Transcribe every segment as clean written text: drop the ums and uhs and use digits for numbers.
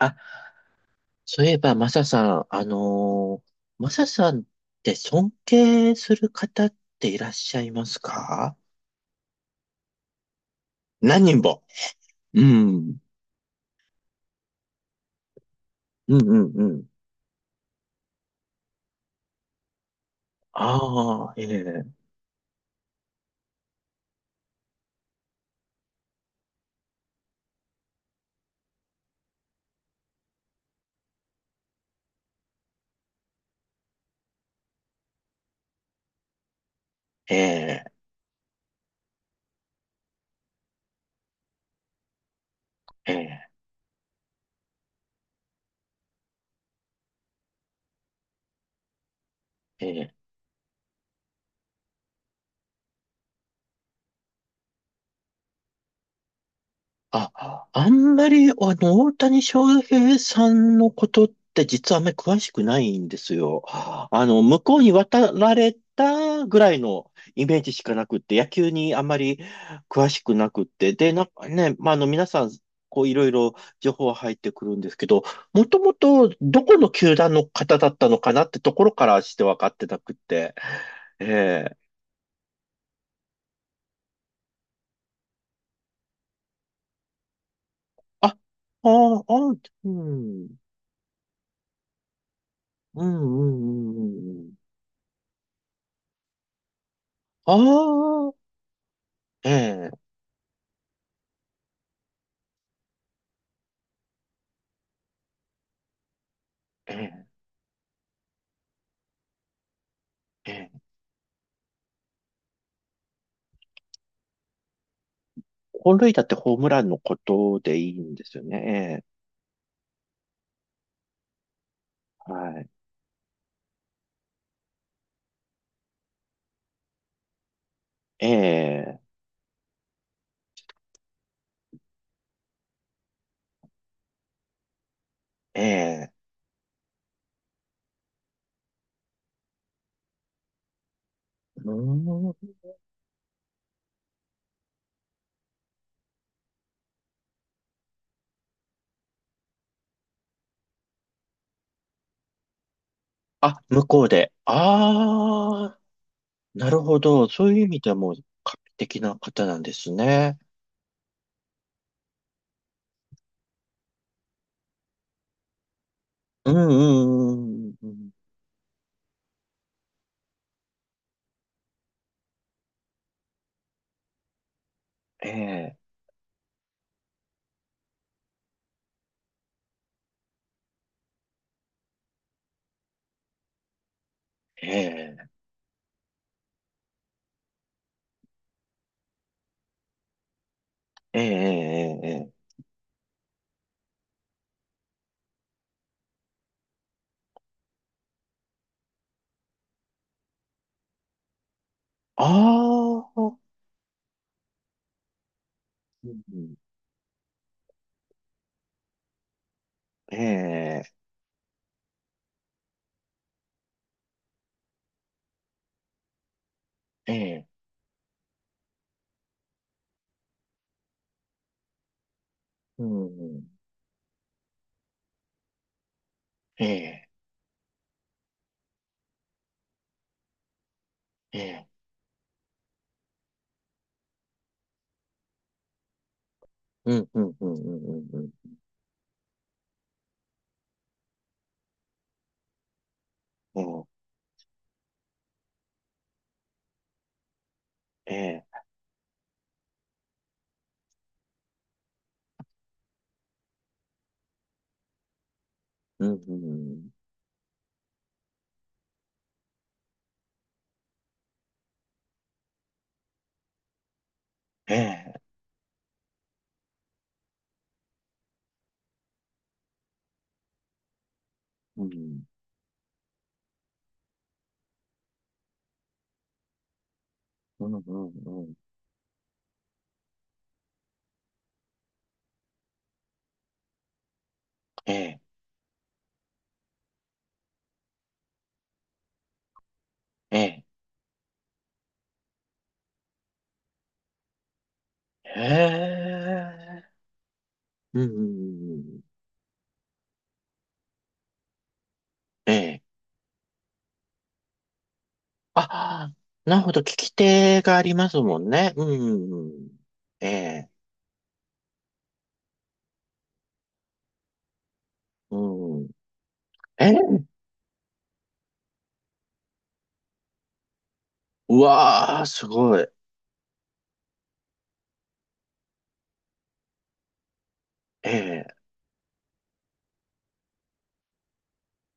あ、そういえば、マサさん、マサさんって尊敬する方っていらっしゃいますか？何人も。うん。うんうんうん。ああ、ええ、ええ、ええ、ええ、あ、あんまり、大谷翔平さんのことって実はあんまり詳しくないんですよ。あの、向こうに渡られたぐらいのイメージしかなくって、野球にあんまり詳しくなくって、で、なんかね、まあ、あの、皆さん、こう、いろいろ情報は入ってくるんですけど、もともとどこの球団の方だったのかなってところからして分かってなくって、ええ、あ、ああ、うん、うん、うん、うん。うん、ああ、ええ、ええ、ええ。本塁打ってホームランのことでいいんですよね？ええ、はい。ええ、ええ。うーん。あ、向こうで。ああ、なるほど。そういう意味ではもう画期的な方なんですね。うんうんうんうん、ええ、ええ、ええ、ええ。ええ、ああ、うん、うん、ええ、ええ、うん、うん、ええ、ええ、うんうんうんうんうん、うん。ええ、うん、うん、ええ、うん、うん、うん、うん、ええ、ええ、へえ、うん、うん、うん。ええ。あ、なるほど。聞き手がありますもんね。うん、うん、ええ、うん、ええ、うん。え、うわー、すごい。ええ、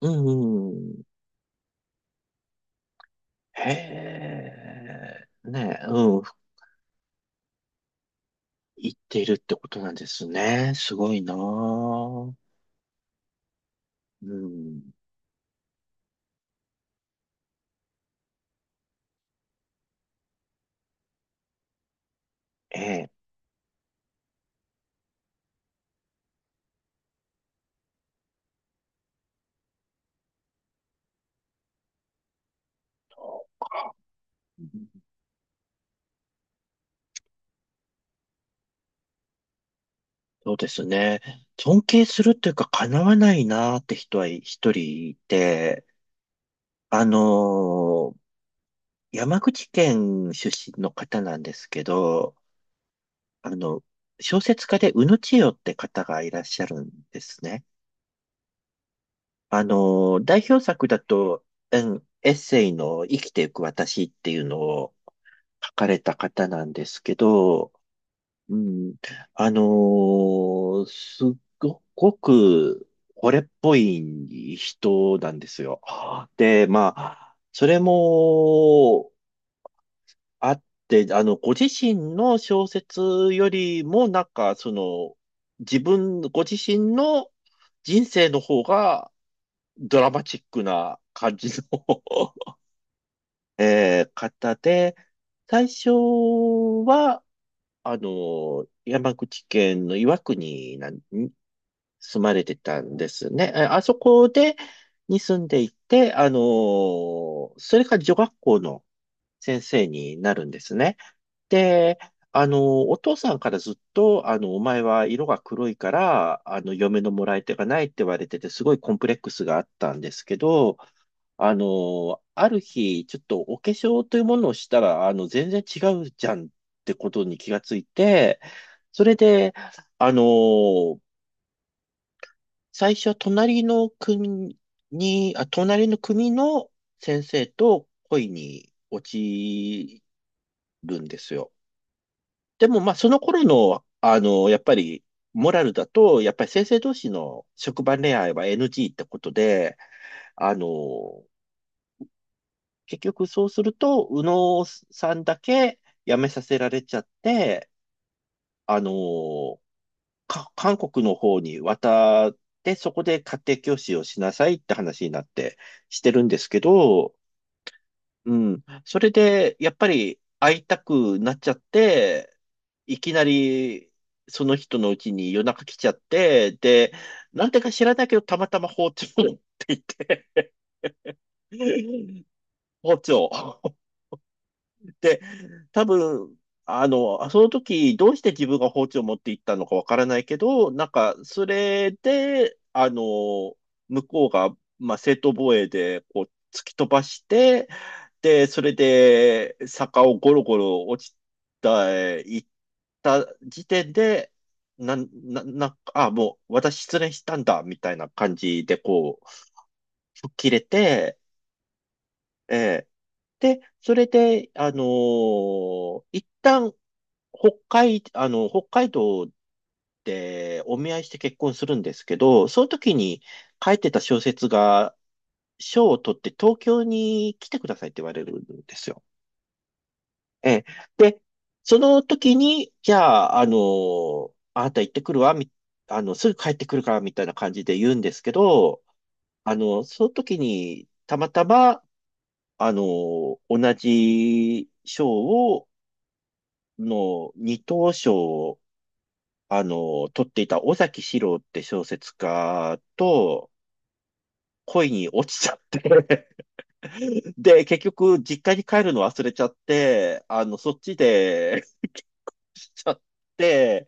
うん、うん。へえ、ねえ、うん、言っているってことなんですね。すごいなー。うん、ええ。そうですね。尊敬するというか、叶わないなーって人は一人いて、あのー山口県出身の方なんですけど、あの、小説家で宇野千代って方がいらっしゃるんですね。あの代表作だと、うん、エッセイの生きていく私っていうのを書かれた方なんですけど、うん。すっごく惚れっぽい人なんですよ。で、まあ、それもあって、あの、ご自身の小説よりも、なんか、その、自分、ご自身の人生の方がドラマチックな感じの、 えー方で、最初は、あの、山口県の岩国なんに住まれてたんですね。えあそこで、に住んでいて、あの、それから女学校の先生になるんですね。で、あの、お父さんからずっと、あの、お前は色が黒いから、あの、嫁のもらい手がないって言われてて、すごいコンプレックスがあったんですけど、あの、ある日、ちょっとお化粧というものをしたら、あの、全然違うじゃんってことに気がついて、それで、あの、最初は隣の組に、あ、隣の組の先生と恋に落ちるんですよ。でも、まあ、その頃の、あの、やっぱり、モラルだと、やっぱり先生同士の職場恋愛は NG ってことで、あの、結局そうすると、右脳さんだけ辞めさせられちゃって、あのーか、韓国の方に渡って、そこで家庭教師をしなさいって話になってしてるんですけど、うん。それで、やっぱり会いたくなっちゃって、いきなり、その人のうちに夜中来ちゃって、で、なんでか知らないけど、たまたま包丁を持っていて、包丁。で、多分、あの、あその時、どうして自分が包丁を持って行ったのかわからないけど、なんか、それで、あの、向こうが、まあ、正当防衛で、こう、突き飛ばして、で、それで、坂をゴロゴロ落ちた、行った時点で、なん、な、な、あ、もう、私失恋したんだ、みたいな感じで、こう、吹っ切れて、えーで、それで、一旦、北海、あの、北海道でお見合いして結婚するんですけど、その時に書いてた小説が、賞を取って東京に来てくださいって言われるんですよ。ええ。で、その時に、じゃあ、あの、あなた行ってくるわ、み、あの、すぐ帰ってくるから、みたいな感じで言うんですけど、あの、その時に、たまたま、あの、同じ賞を、の二等賞を、あの、取っていた尾崎史郎って小説家と恋に落ちちゃって、 で、結局実家に帰るの忘れちゃって、あの、そっちで ちゃって、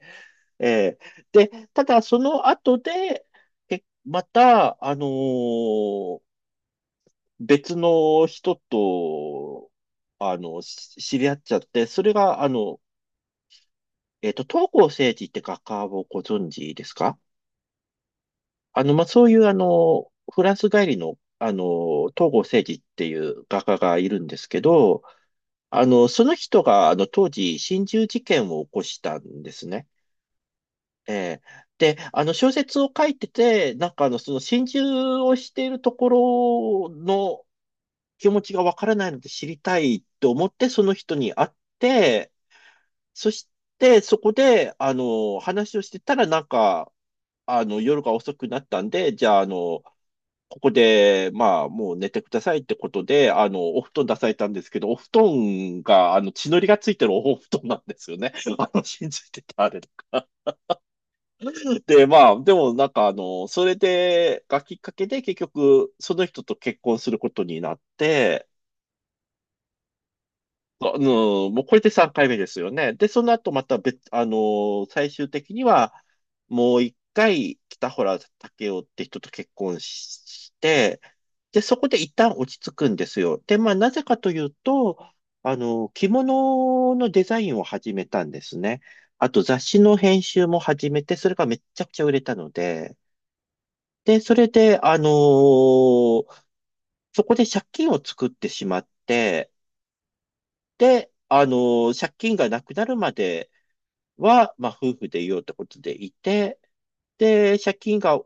えーで、ただその後で、けまた、別の人と、あの、し知り合っちゃって、それが、あの、えっと、東郷政治って画家をご存知ですか？あの、まあ、そういう、あの、フランス帰りの、あの、東郷正治っていう画家がいるんですけど、あの、その人が、あの、当時、心中事件を起こしたんですね。ええ、で、あの、小説を書いてて、なんか、あの、その心中をしているところの気持ちがわからないので知りたいと思って、その人に会って、そして、そこで、あの、話をしてたら、なんか、あの、夜が遅くなったんで、じゃあ、あの、ここで、まあ、もう寝てくださいってことで、あの、お布団出されたんですけど、お布団が、あの、血のりがついてるお布団なんですよね。あの、信じてたあれとか。で、まあ、でもなんか、あの、それで、がきっかけで、結局、その人と結婚することになって、うん、もうこれで3回目ですよね。で、その後また別、最終的には、もう一回、北原武雄って人と結婚しして、で、そこで一旦落ち着くんですよ。で、まあ、なぜかというと、あの、着物のデザインを始めたんですね。あと、雑誌の編集も始めて、それがめちゃくちゃ売れたので、で、それで、そこで借金を作ってしまって、で、あの、借金がなくなるまでは、まあ、夫婦でいようってことでいて、で、借金が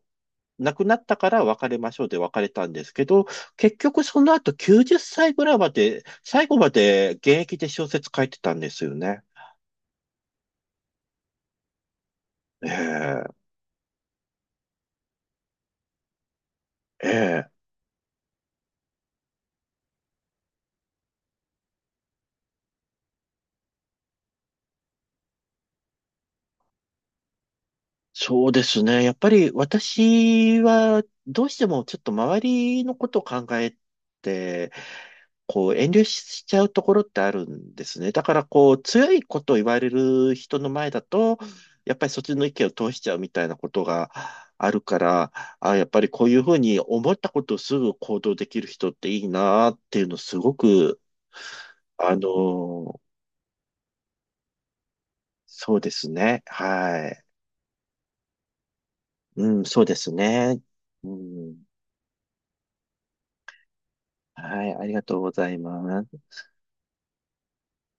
なくなったから別れましょうで別れたんですけど、結局その後90歳ぐらいまで、最後まで現役で小説書いてたんですよね。ええ、ええ。そうですね。やっぱり私はどうしてもちょっと周りのことを考えて、こう遠慮しちゃうところってあるんですね。だからこう強いことを言われる人の前だと、やっぱりそっちの意見を通しちゃうみたいなことがあるから、あ、やっぱりこういうふうに思ったことをすぐ行動できる人っていいなっていうのすごく、あのーそうですね。はい。うん、そうですね。うん、はい、ありがとうございます。